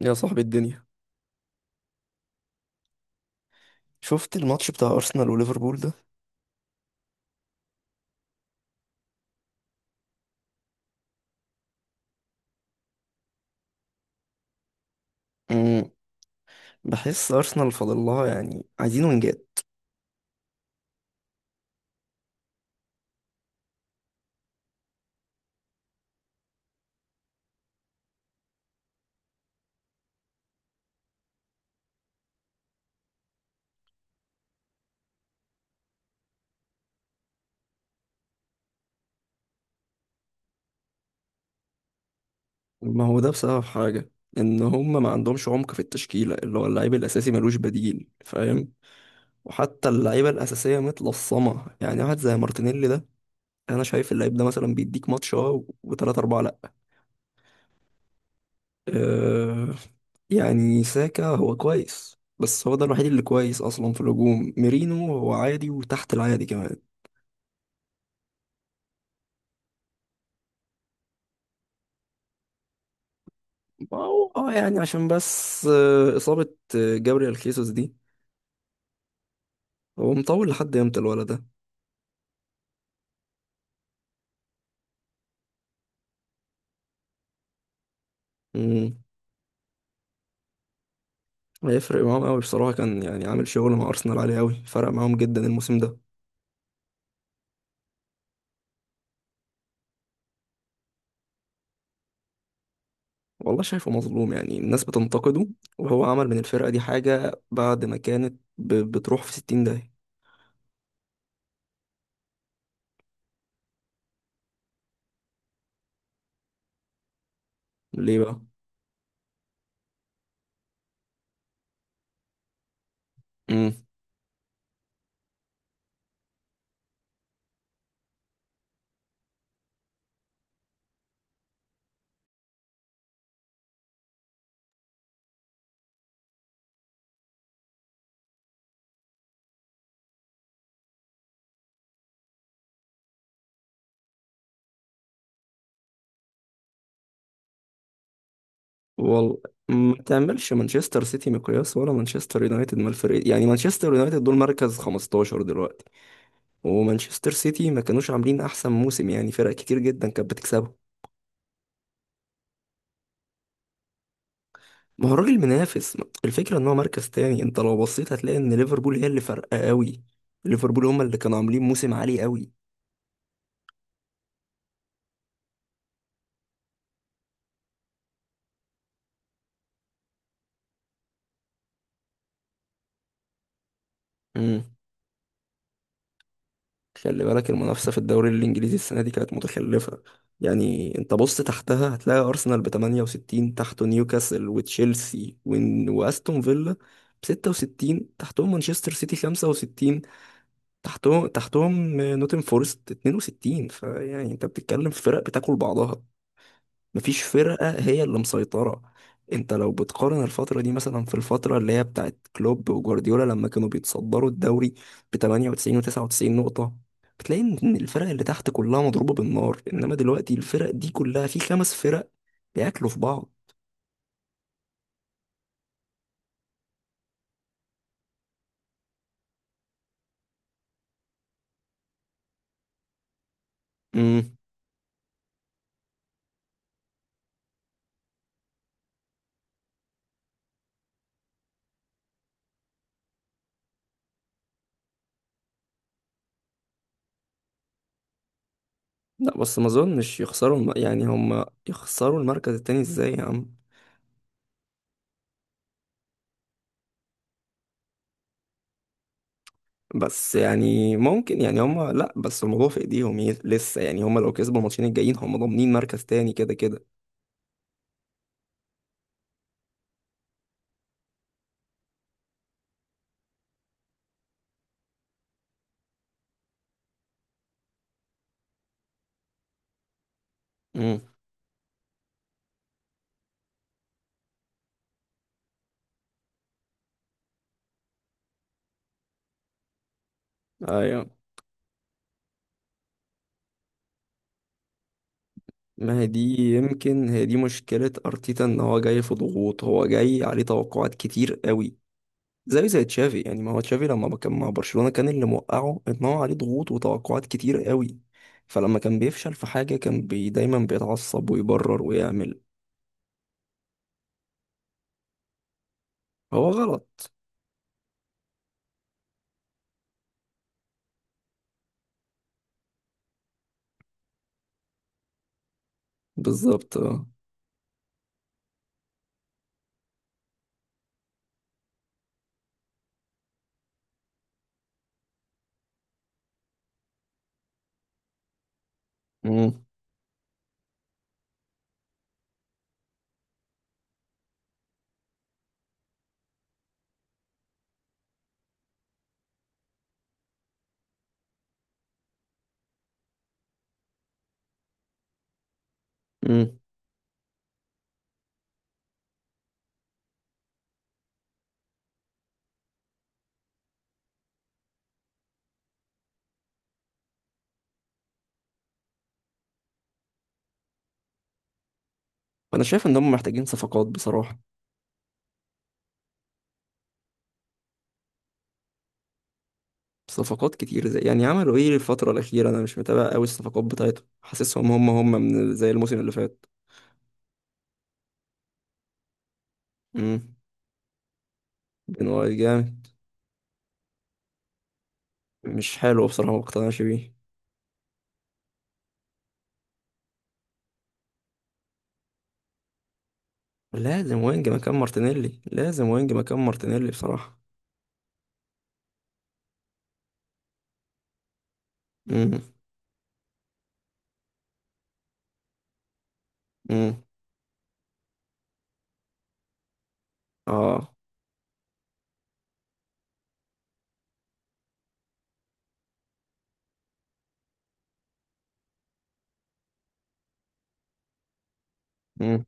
يا صاحبي الدنيا، شفت الماتش بتاع أرسنال وليفربول ده؟ مم. بحس أرسنال فاضل لها، يعني عايزين وينجات. ما هو ده بسبب حاجة، إن هم ما عندهمش عمق في التشكيلة، اللي هو اللعيب الأساسي ملوش بديل فاهم. وحتى اللعيبة الأساسية متلصمة، يعني واحد زي مارتينيلي ده أنا شايف اللعيب ده مثلا بيديك ماتش اه وتلاتة أربعة لأ. أه، يعني ساكا هو كويس، بس هو ده الوحيد اللي كويس أصلا في الهجوم. ميرينو هو عادي وتحت العادي كمان. اه، يعني عشان بس إصابة جابريال خيسوس دي، هو مطول لحد امتى الولد ده؟ مم. هيفرق معاهم قوي بصراحة، كان يعني عامل شغل مع أرسنال عالي قوي، فرق معاهم جدا الموسم ده. والله شايفه مظلوم، يعني الناس بتنتقده، وهو عمل من الفرقة دي حاجة بعد ما كانت بتروح في 60 داهية. ليه بقى؟ مم. والله ما تعملش مانشستر سيتي مقياس ولا مانشستر يونايتد من الفريق، يعني مانشستر يونايتد دول مركز 15 دلوقتي، ومانشستر سيتي ما كانوش عاملين احسن موسم، يعني فرق كتير جدا كانت بتكسبه. ما هو الراجل منافس، الفكره ان هو مركز تاني. انت لو بصيت هتلاقي ان ليفربول هي اللي فارقه قوي، ليفربول هم اللي كانوا عاملين موسم عالي قوي. امم، خلي بالك المنافسه في الدوري الانجليزي السنه دي كانت متخلفه. يعني انت بص تحتها هتلاقي ارسنال ب 68، تحته نيوكاسل وتشيلسي واستون فيلا ب 66، تحتهم مانشستر سيتي 65، تحتهم نوتن فورست 62، فيعني انت بتتكلم في فرق بتاكل بعضها، مفيش فرقة هي اللي مسيطرة. انت لو بتقارن الفترة دي مثلا في الفترة اللي هي بتاعت كلوب وجوارديولا لما كانوا بيتصدروا الدوري ب 98 و99 نقطة، بتلاقي ان الفرق اللي تحت كلها مضروبة بالنار، انما دلوقتي الفرق دي كلها في خمس فرق بياكلوا في بعض. امم. لا بس ما اظنش يخسروا يعني هم يخسروا المركز التاني ازاي يا عم؟ بس يعني ممكن، يعني هم لا، بس الموضوع في ايديهم، لسه يعني هم لو كسبوا الماتشين الجايين هم ضامنين مركز تاني كده كده. امم. ايوه. ما هي دي، يمكن هي دي مشكلة ارتيتا، ان هو جاي في ضغوط، هو جاي عليه توقعات كتير قوي. زي تشافي يعني، ما هو تشافي لما كان مع برشلونة كان اللي موقعه ان هو عليه ضغوط وتوقعات كتير قوي، فلما كان بيفشل في حاجة كان دايما بيتعصب ويبرر ويعمل. هو غلط. بالظبط اه. امم. انا شايف ان هم محتاجين صفقات بصراحه. صفقات كتير، زي يعني عملوا ايه الفتره الاخيره؟ انا مش متابع قوي الصفقات بتاعتهم، حاسسهم هم من زي الموسم اللي فات. امم. بن وايت جامد. مش حلو بصراحه، ما اقتنعش بيه. لازم وينج مكان مارتينيلي، لازم وينج مكان مارتينيلي بصراحه. امم. امم. اه. امم.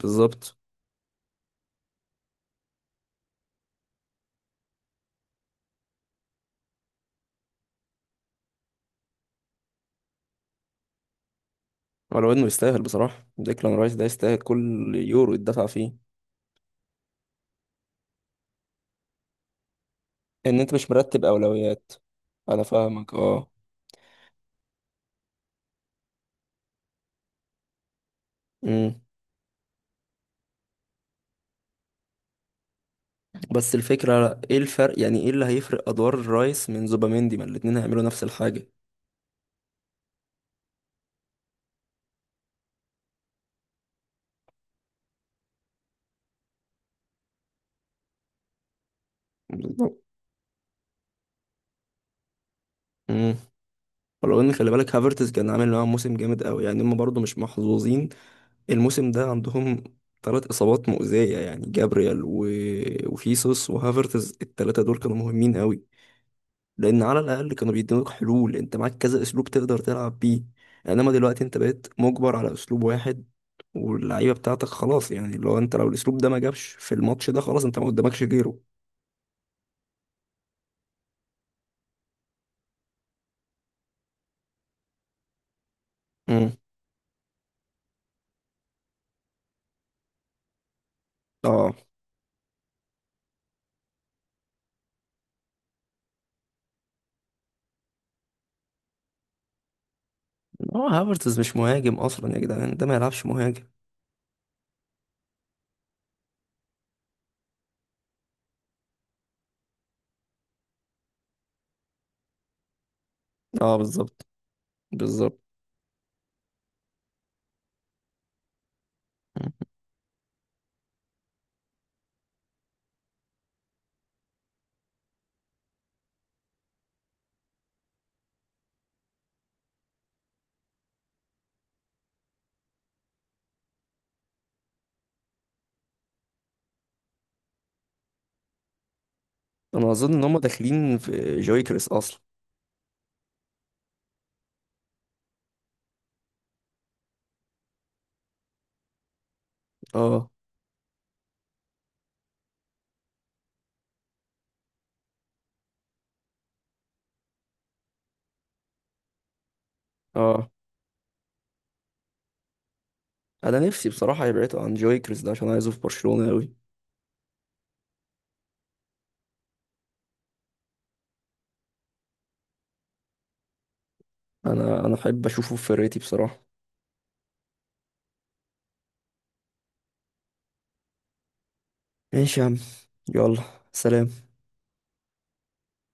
بالظبط. ولو انه يستاهل بصراحه، ديكلان رايس ده يستاهل كل يورو يتدفع فيه. ان انت مش مرتب اولويات. انا فاهمك اه. امم. بس الفكرة ايه الفرق، يعني ايه اللي هيفرق ادوار الرايس من زوباميندي، ما الاتنين هيعملوا نفس الحاجة. بالظبط. مم. ولو ان خلي بالك هافرتز كان عامل معاهم موسم جامد قوي، يعني هم برضو مش محظوظين الموسم ده. عندهم ثلاث اصابات مؤذية، يعني جابريال و... وخيسوس وهافرتز، الثلاثة دول كانوا مهمين قوي، لان على الاقل كانوا بيدوك حلول. انت معاك كذا اسلوب تقدر تلعب بيه، انما دلوقتي انت بقيت مجبر على اسلوب واحد، واللعيبه بتاعتك خلاص، يعني لو الاسلوب ده ما جابش في الماتش ده خلاص انت ما قدامكش غيره. امم. اه، هو هافرتز مش مهاجم اصلا يا جدعان، ده ما يلعبش مهاجم. اه بالظبط. بالظبط. مم. انا اظن ان هم داخلين في جويكريس اصلا. اه. اه. انا نفسي بصراحه يبعدوا عن جويكريس ده عشان عايزه في برشلونه قوي. انا احب اشوفه في فرقتي بصراحه. ماشي يا عم. يلا. سلام.